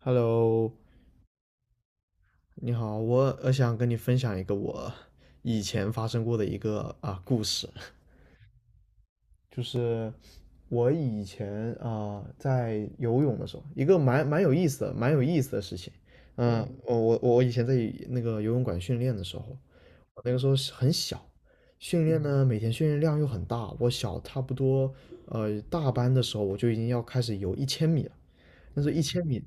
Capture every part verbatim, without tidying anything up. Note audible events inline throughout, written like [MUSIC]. Hello，你好，我我想跟你分享一个我以前发生过的一个啊故事，就是我以前啊、在游泳的时候，一个蛮蛮有意思的蛮有意思的事情。嗯，嗯我我我以前在那个游泳馆训练的时候，我那个时候是很小，训练呢每天训练量又很大，我小差不多呃大班的时候我就已经要开始游一千米了。那时候一千米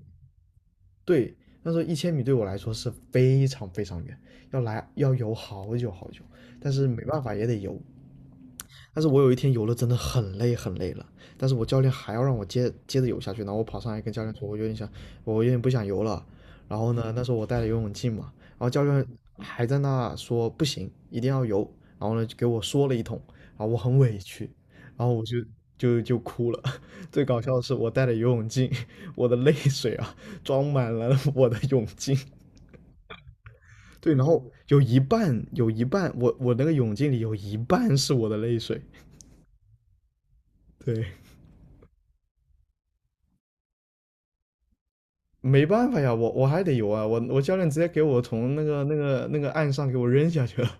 对，那时候一千米对我来说是非常非常远，要来要游好久好久，但是没办法也得游。但是我有一天游了真的很累很累了，但是我教练还要让我接接着游下去，然后我跑上来跟教练说，我有点想，我有点不想游了。然后呢，那时候我带了游泳镜嘛，然后教练还在那说不行，一定要游。然后呢，就给我说了一通，然后我很委屈，然后我就就就哭了。[LAUGHS] 最搞笑的是，我带了游泳镜，[LAUGHS] 我的泪水啊，装满了我的泳镜。对，然后有一半有一半，我我那个泳镜里有一半是我的泪水。对。没办法呀，我我还得游啊，我我教练直接给我从那个那个那个岸上给我扔下去了。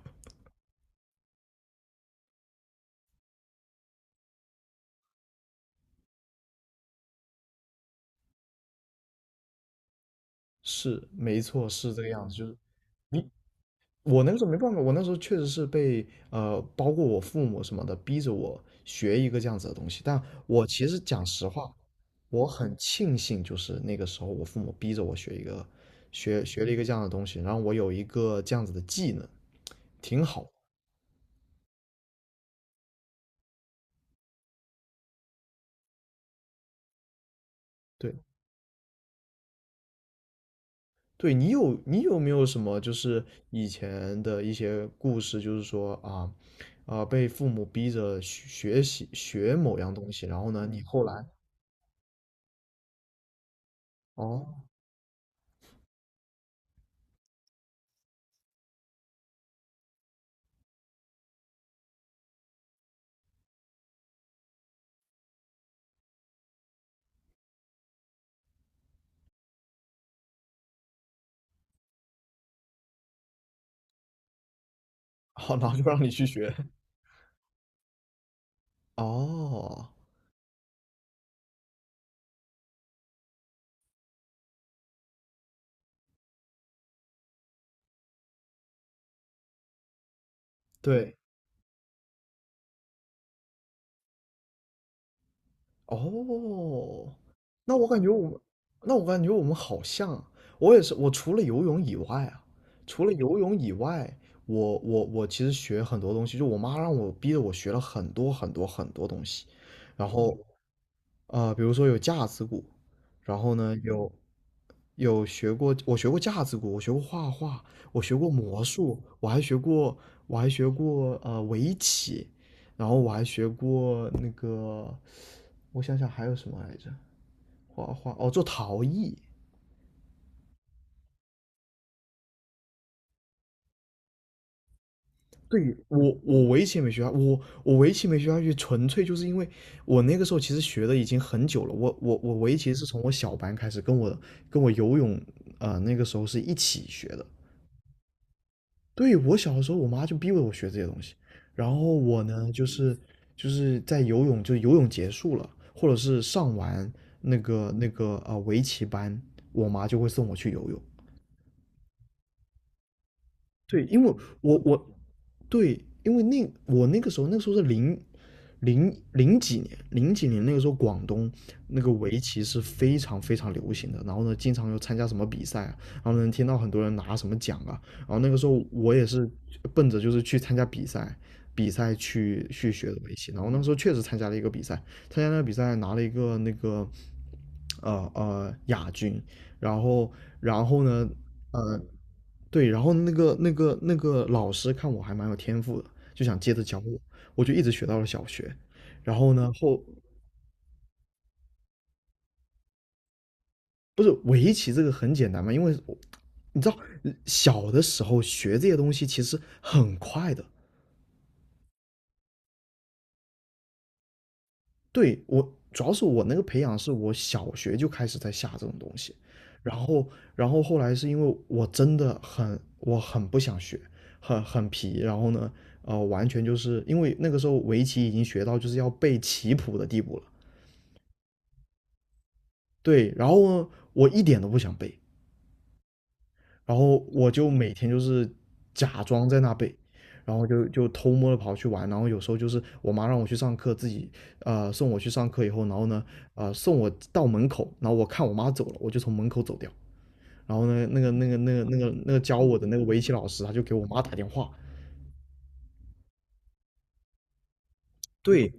[LAUGHS] 是，没错，是这个样子，就是你我那个时候没办法，我那时候确实是被呃，包括我父母什么的逼着我学一个这样子的东西，但我其实讲实话，我很庆幸就是那个时候我父母逼着我学一个学学了一个这样的东西，然后我有一个这样子的技能，挺好。对。对你有你有没有什么就是以前的一些故事，就是说啊啊被父母逼着学学习学某样东西，然后呢你后来哦，好，然后就让你去学。 [LAUGHS] 哦，对哦，那我感觉我们那我感觉我们好像啊，我也是我除了游泳以外啊，除了游泳以外，我我我其实学很多东西，就我妈让我逼着我学了很多很多很多东西，然后。呃，比如说有架子鼓，然后呢有有学过。我学过架子鼓，我学过画画，我学过魔术，我还学过我还学过呃围棋，然后我还学过那个，我想想还有什么来着？画画哦，做陶艺。对，我我围棋没学下，我我围棋没学下去，纯粹就是因为我那个时候其实学的已经很久了。我我我围棋是从我小班开始，跟我跟我游泳，呃，那个时候是一起学的。对，我小的时候，我妈就逼着我学这些东西，然后我呢，就是就是在游泳，就游泳结束了，或者是上完那个那个啊、呃围棋班，我妈就会送我去游泳。对，因为我我对，因为那我那个时候那个时候是零零零几年。零几年那个时候广东那个围棋是非常非常流行的，然后呢，经常有参加什么比赛啊，然后能听到很多人拿什么奖啊，然后那个时候我也是奔着就是去参加比赛，比赛去去学的围棋，然后那个时候确实参加了一个比赛，参加那个比赛拿了一个那个呃呃亚军，然后然后呢呃。对，然后那个那个那个老师看我还蛮有天赋的，就想接着教我，我就一直学到了小学。然后呢，后不是围棋这个很简单嘛，因为我你知道小的时候学这些东西其实很快的。对，我主要是我那个培养是我小学就开始在下这种东西，然后然后后来是因为我真的很我很不想学，很很皮。然后呢，呃，完全就是因为那个时候围棋已经学到就是要背棋谱的地步了。对，然后呢，我一点都不想背，然后我就每天就是假装在那背，然后就就偷摸的跑去玩，然后有时候就是我妈让我去上课，自己呃送我去上课以后，然后呢呃送我到门口，然后我看我妈走了，我就从门口走掉，然后呢那个那个那个那个那个教我的那个围棋老师他就给我妈打电话。对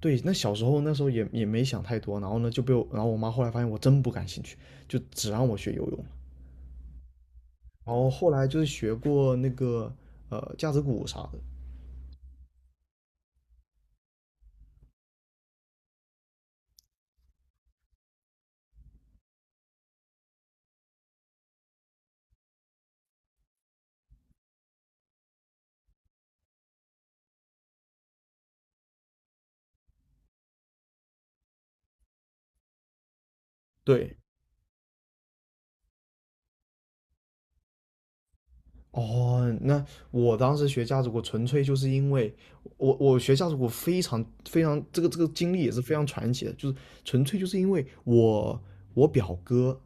对，那小时候那时候也也没想太多，然后呢就被我，然后我妈后来发现我真不感兴趣，就只让我学游泳了。然后后来就是学过那个呃架子鼓啥的。对。哦，那我当时学架子鼓，纯粹就是因为我我学架子鼓非常非常这个这个经历也是非常传奇的，就是纯粹就是因为我我表哥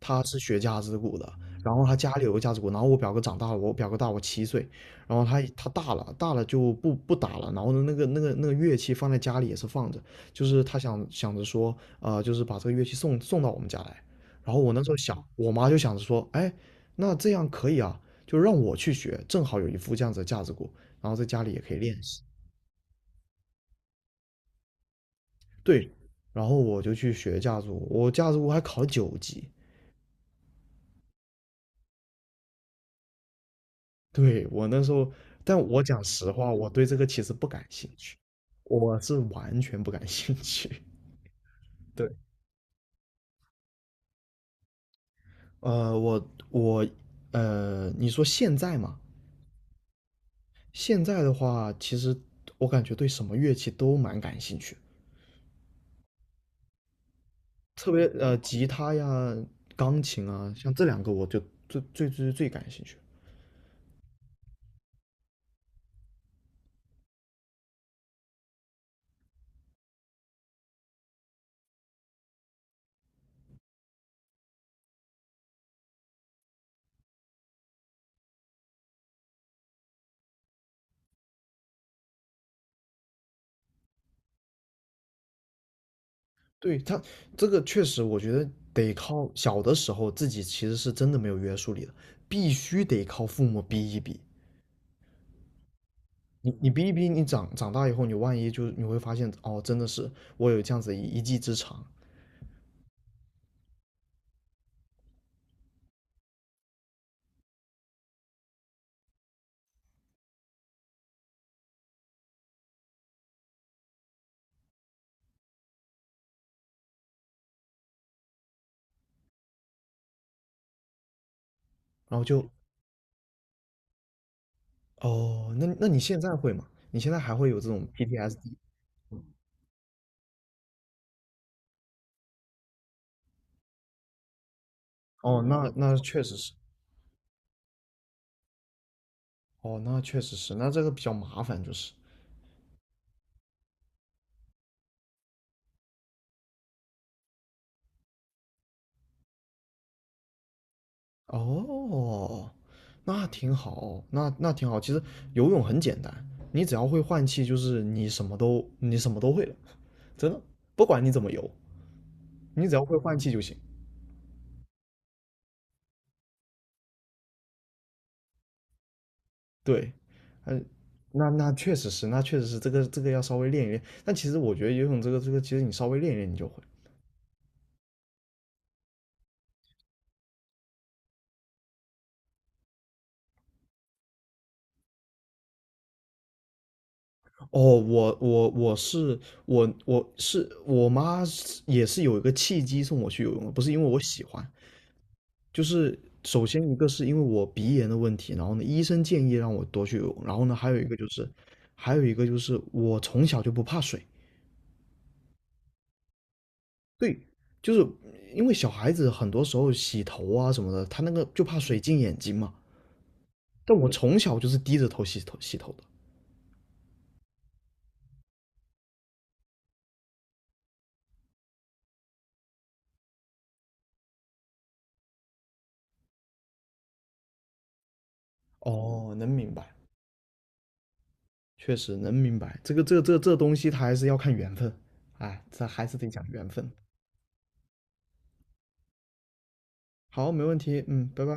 他是学架子鼓的。然后他家里有个架子鼓，然后我表哥长大了，我表哥大我七岁，然后他他大了大了就不不打了，然后呢那个那个那个乐器放在家里也是放着，就是他想想着说，呃，就是把这个乐器送送到我们家来。然后我那时候想，我妈就想着说，哎。那这样可以啊，就让我去学，正好有一副这样子的架子鼓，然后在家里也可以练习。对，然后我就去学架子鼓，我架子鼓还考了九级。对，我那时候，但我讲实话，我对这个其实不感兴趣，我是完全不感兴趣。[LAUGHS] 对，呃，我我呃，你说现在嘛。现在的话，其实我感觉对什么乐器都蛮感兴趣，特别呃，吉他呀、钢琴啊，像这两个我就最最最最感兴趣。对，他这个确实，我觉得得靠小的时候自己其实是真的没有约束力的，必须得靠父母逼一逼。你你逼一逼，你长长大以后，你万一就你会发现，哦，真的是我有这样子一一技之长，然后就哦，那那你现在会吗？你现在还会有这种 P T S D？哦，那那确实是。哦，那确实是，那这个比较麻烦，就是。哦，那挺好，那那挺好。其实游泳很简单，你只要会换气，就是你什么都你什么都会了，真的，不管你怎么游，你只要会换气就行。对，嗯，那那确实是，那确实是这个这个要稍微练一练。但其实我觉得游泳这个这个，其实你稍微练一练你就会。哦，我我我是我我是我妈是也是有一个契机送我去游泳的，不是因为我喜欢。就是首先一个是因为我鼻炎的问题，然后呢，医生建议让我多去游泳，然后呢，还有一个就是，还有一个就是我从小就不怕水。对，就是因为小孩子很多时候洗头啊什么的，他那个就怕水进眼睛嘛，但我从小就是低着头洗头洗头的。哦，能明白，确实能明白，这个这这这东西它还是要看缘分，哎，这还是得讲缘分。好，没问题，嗯，拜拜。